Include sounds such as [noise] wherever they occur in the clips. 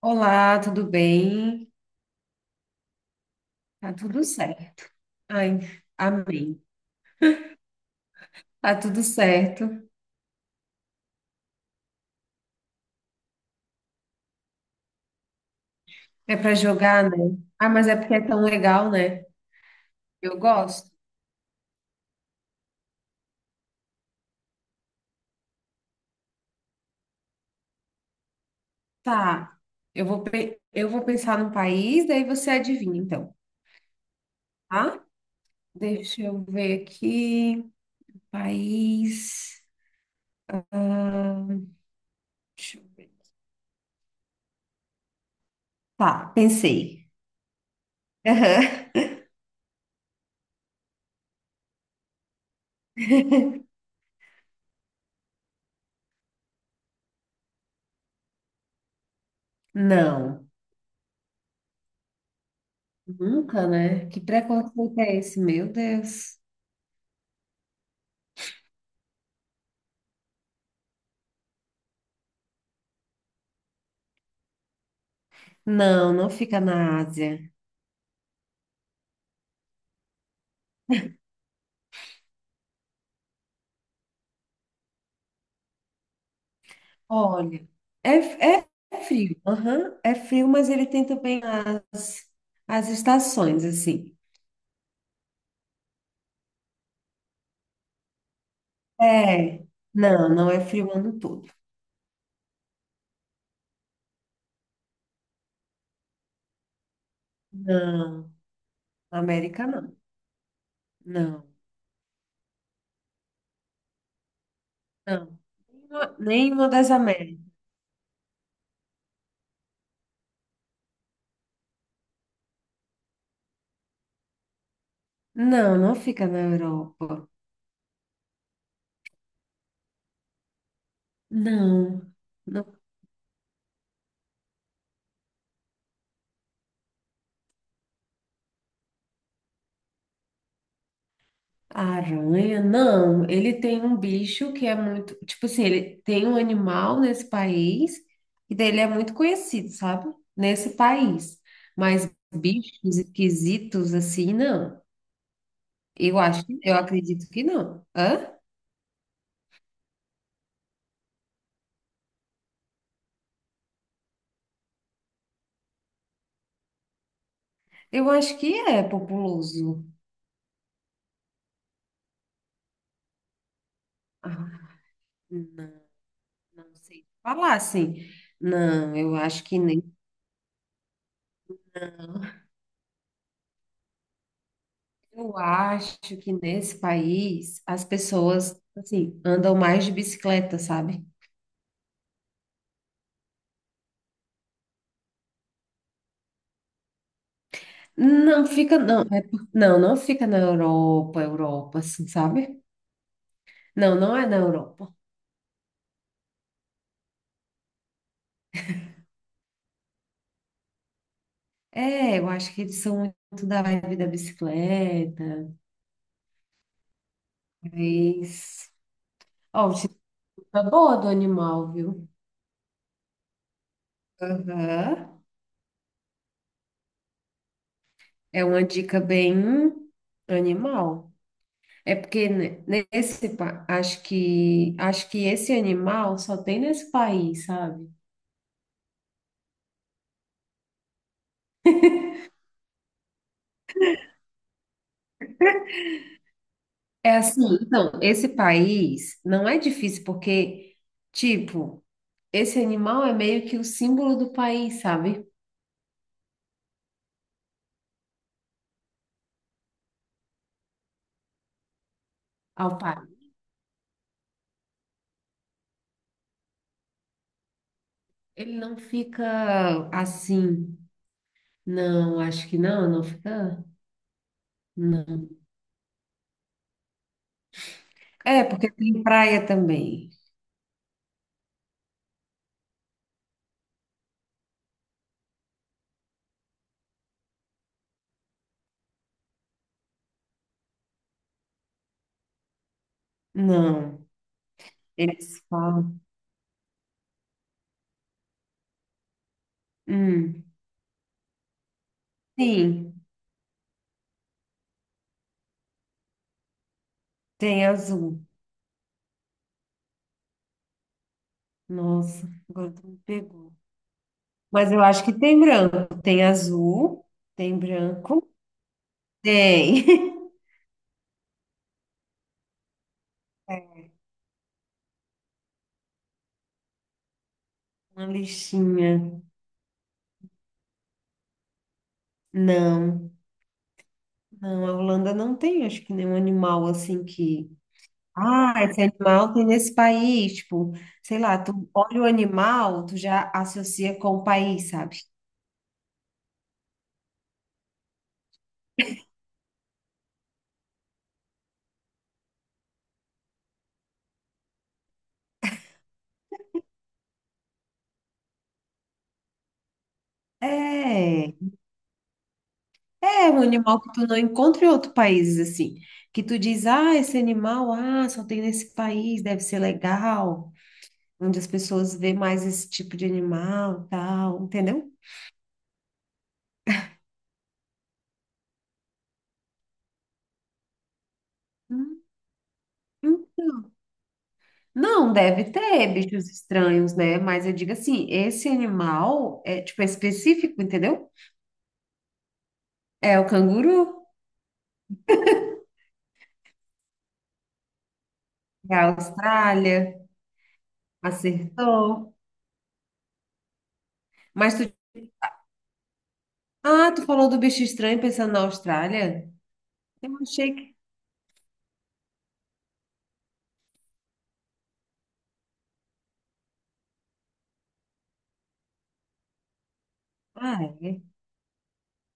Olá, tudo bem? Tá tudo certo. Ai, amém. Tá tudo certo. É para jogar, né? Ah, mas é porque é tão legal, né? Eu gosto. Tá. Eu vou pensar num país, daí você adivinha, então, tá? Deixa eu ver aqui. País. Ah, deixa eu ver. Tá, pensei. Aham. [laughs] Não, nunca, né? Que preconceito é esse? Meu Deus. Não, não fica na Ásia. Olha, é, é é frio, aham, é frio, mas ele tem também as, as estações, assim. É, não, não é frio o ano todo. Não, na América não, não, não. Nenhuma das Américas. Não, não fica na Europa. Não, não. A aranha? Não, ele tem um bicho que é muito. Tipo assim, ele tem um animal nesse país, e daí ele é muito conhecido, sabe? Nesse país. Mas bichos esquisitos assim, não. Eu acredito que não. Hã? Eu acho que é populoso. Ah, não, não sei falar assim. Não, eu acho que nem. Eu acho que nesse país as pessoas, assim, andam mais de bicicleta, sabe? Não fica, não, é por- não, não fica na Europa, Europa, assim, sabe? Não, não é na Europa. É, eu acho que eles são muito da vibe da bicicleta, mas... Ó, te dou uma boa do animal, viu? Aham. É uma dica bem animal. É porque ne- nesse, pa- acho que esse animal só tem nesse país, sabe? É assim, então, esse país não é difícil porque, tipo... Esse animal é meio que o símbolo do país, sabe? Ao par. Ele não fica assim. Não, acho que não, não fica. Não. É, porque tem praia também. Não. Eles falam. Hum. Sim, tem azul. Nossa, agora tu me pegou. Mas eu acho que tem branco. Tem azul, tem branco, tem. [laughs] Uma lixinha. Não. Não, a Holanda não tem, acho que nenhum animal assim que. Ah, esse animal tem nesse país. Tipo, sei lá, tu olha o animal, tu já associa com o país, sabe? É, é um animal que tu não encontra em outros países assim. Que tu diz, ah, esse animal, ah, só tem nesse país, deve ser legal. Onde as pessoas vê mais esse tipo de animal, tal, entendeu? Hum, então. Não, deve ter bichos estranhos, né? Mas eu digo assim, esse animal é tipo é específico, entendeu? É o canguru, é a Austrália, acertou. Mas tu, ah, tu falou do bicho estranho pensando na Austrália? Eu achei que, ah, é.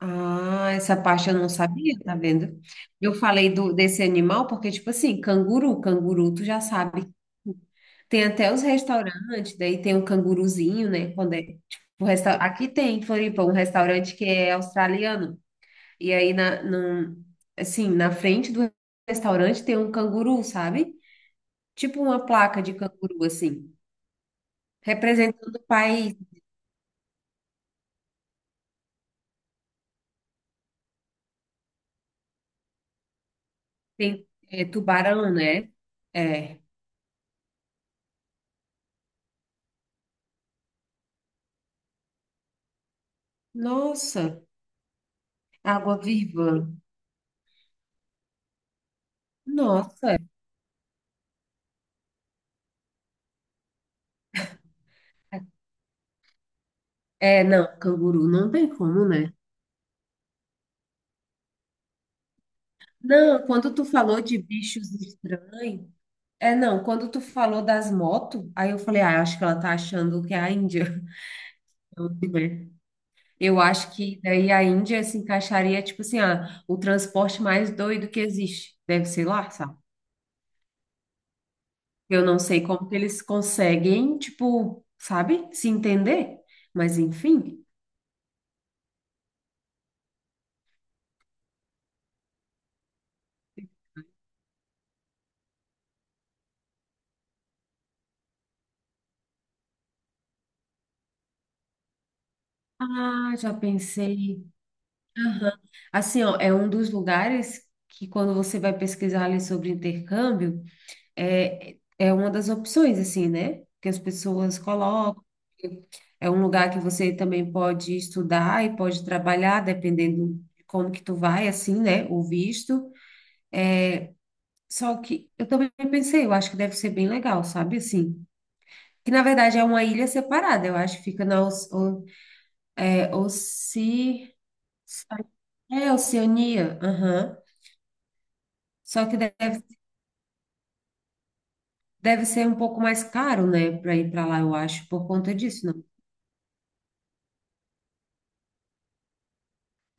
Ah, essa parte eu não sabia, tá vendo? Eu falei do desse animal porque tipo assim, canguru, canguru, tu já sabe. Tem até os restaurantes, daí tem o canguruzinho, né? Quando é, tipo, o resta... Aqui tem em Floripa um restaurante que é australiano. E aí, assim, na frente do restaurante tem um canguru, sabe? Tipo uma placa de canguru, assim. Representando o país. Tem é, tubarão, né? É. Nossa, água-viva. Nossa. É, não, canguru não tem como, né? Não, quando tu falou de bichos estranhos. É, não, quando tu falou das motos, aí eu falei, ah, acho que ela tá achando que é a Índia. [laughs] Eu acho que daí a Índia se encaixaria, tipo assim, ah, o transporte mais doido que existe. Deve ser lá, sabe? Eu não sei como que eles conseguem, tipo, sabe, se entender. Mas enfim. Ah, já pensei. Aham. Assim, ó, é um dos lugares que quando você vai pesquisar ali sobre intercâmbio. É, é uma das opções, assim, né? Que as pessoas colocam. É um lugar que você também pode estudar e pode trabalhar, dependendo de como que tu vai, assim, né? O visto. Só que eu também pensei, eu acho que deve ser bem legal, sabe? Assim, que na verdade é uma ilha separada, eu acho que fica na Oce-, é, Oceania, aham. Só que deve, deve ser um pouco mais caro, né, para ir para lá, eu acho, por conta disso.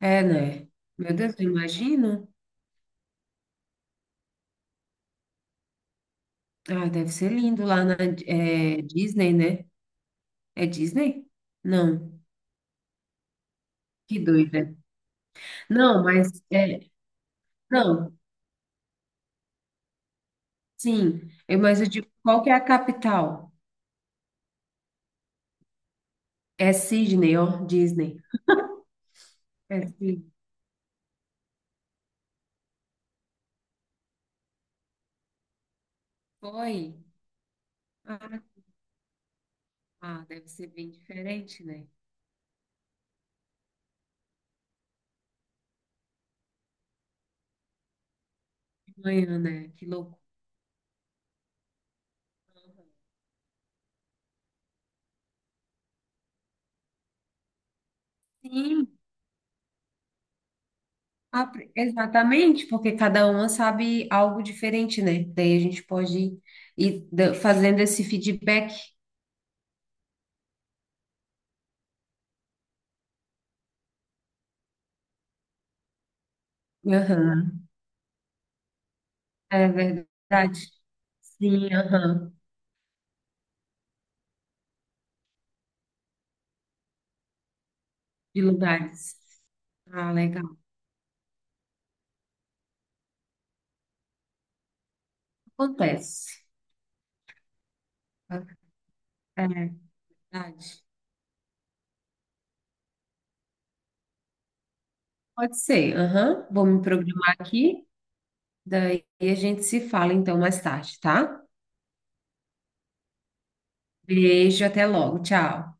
É, né? Meu Deus, eu imagino. Ah, deve ser lindo lá na é, Disney, né? É Disney? Não, que doida. Não, mas é, não, sim. Eu, mas eu digo, qual que é a capital? É Sydney, ó, Disney. É Sydney. Foi? Ah, ah, deve ser bem diferente, né? De manhã, né? Que louco. Sim, ah, pre- exatamente, porque cada uma sabe algo diferente, né? Daí a gente pode fazendo esse feedback. É verdade. Sim, aham. De lugares. Ah, legal. Acontece. É verdade. Pode ser, aham. Vou me programar aqui. Daí a gente se fala então mais tarde, tá? Beijo, até logo. Tchau.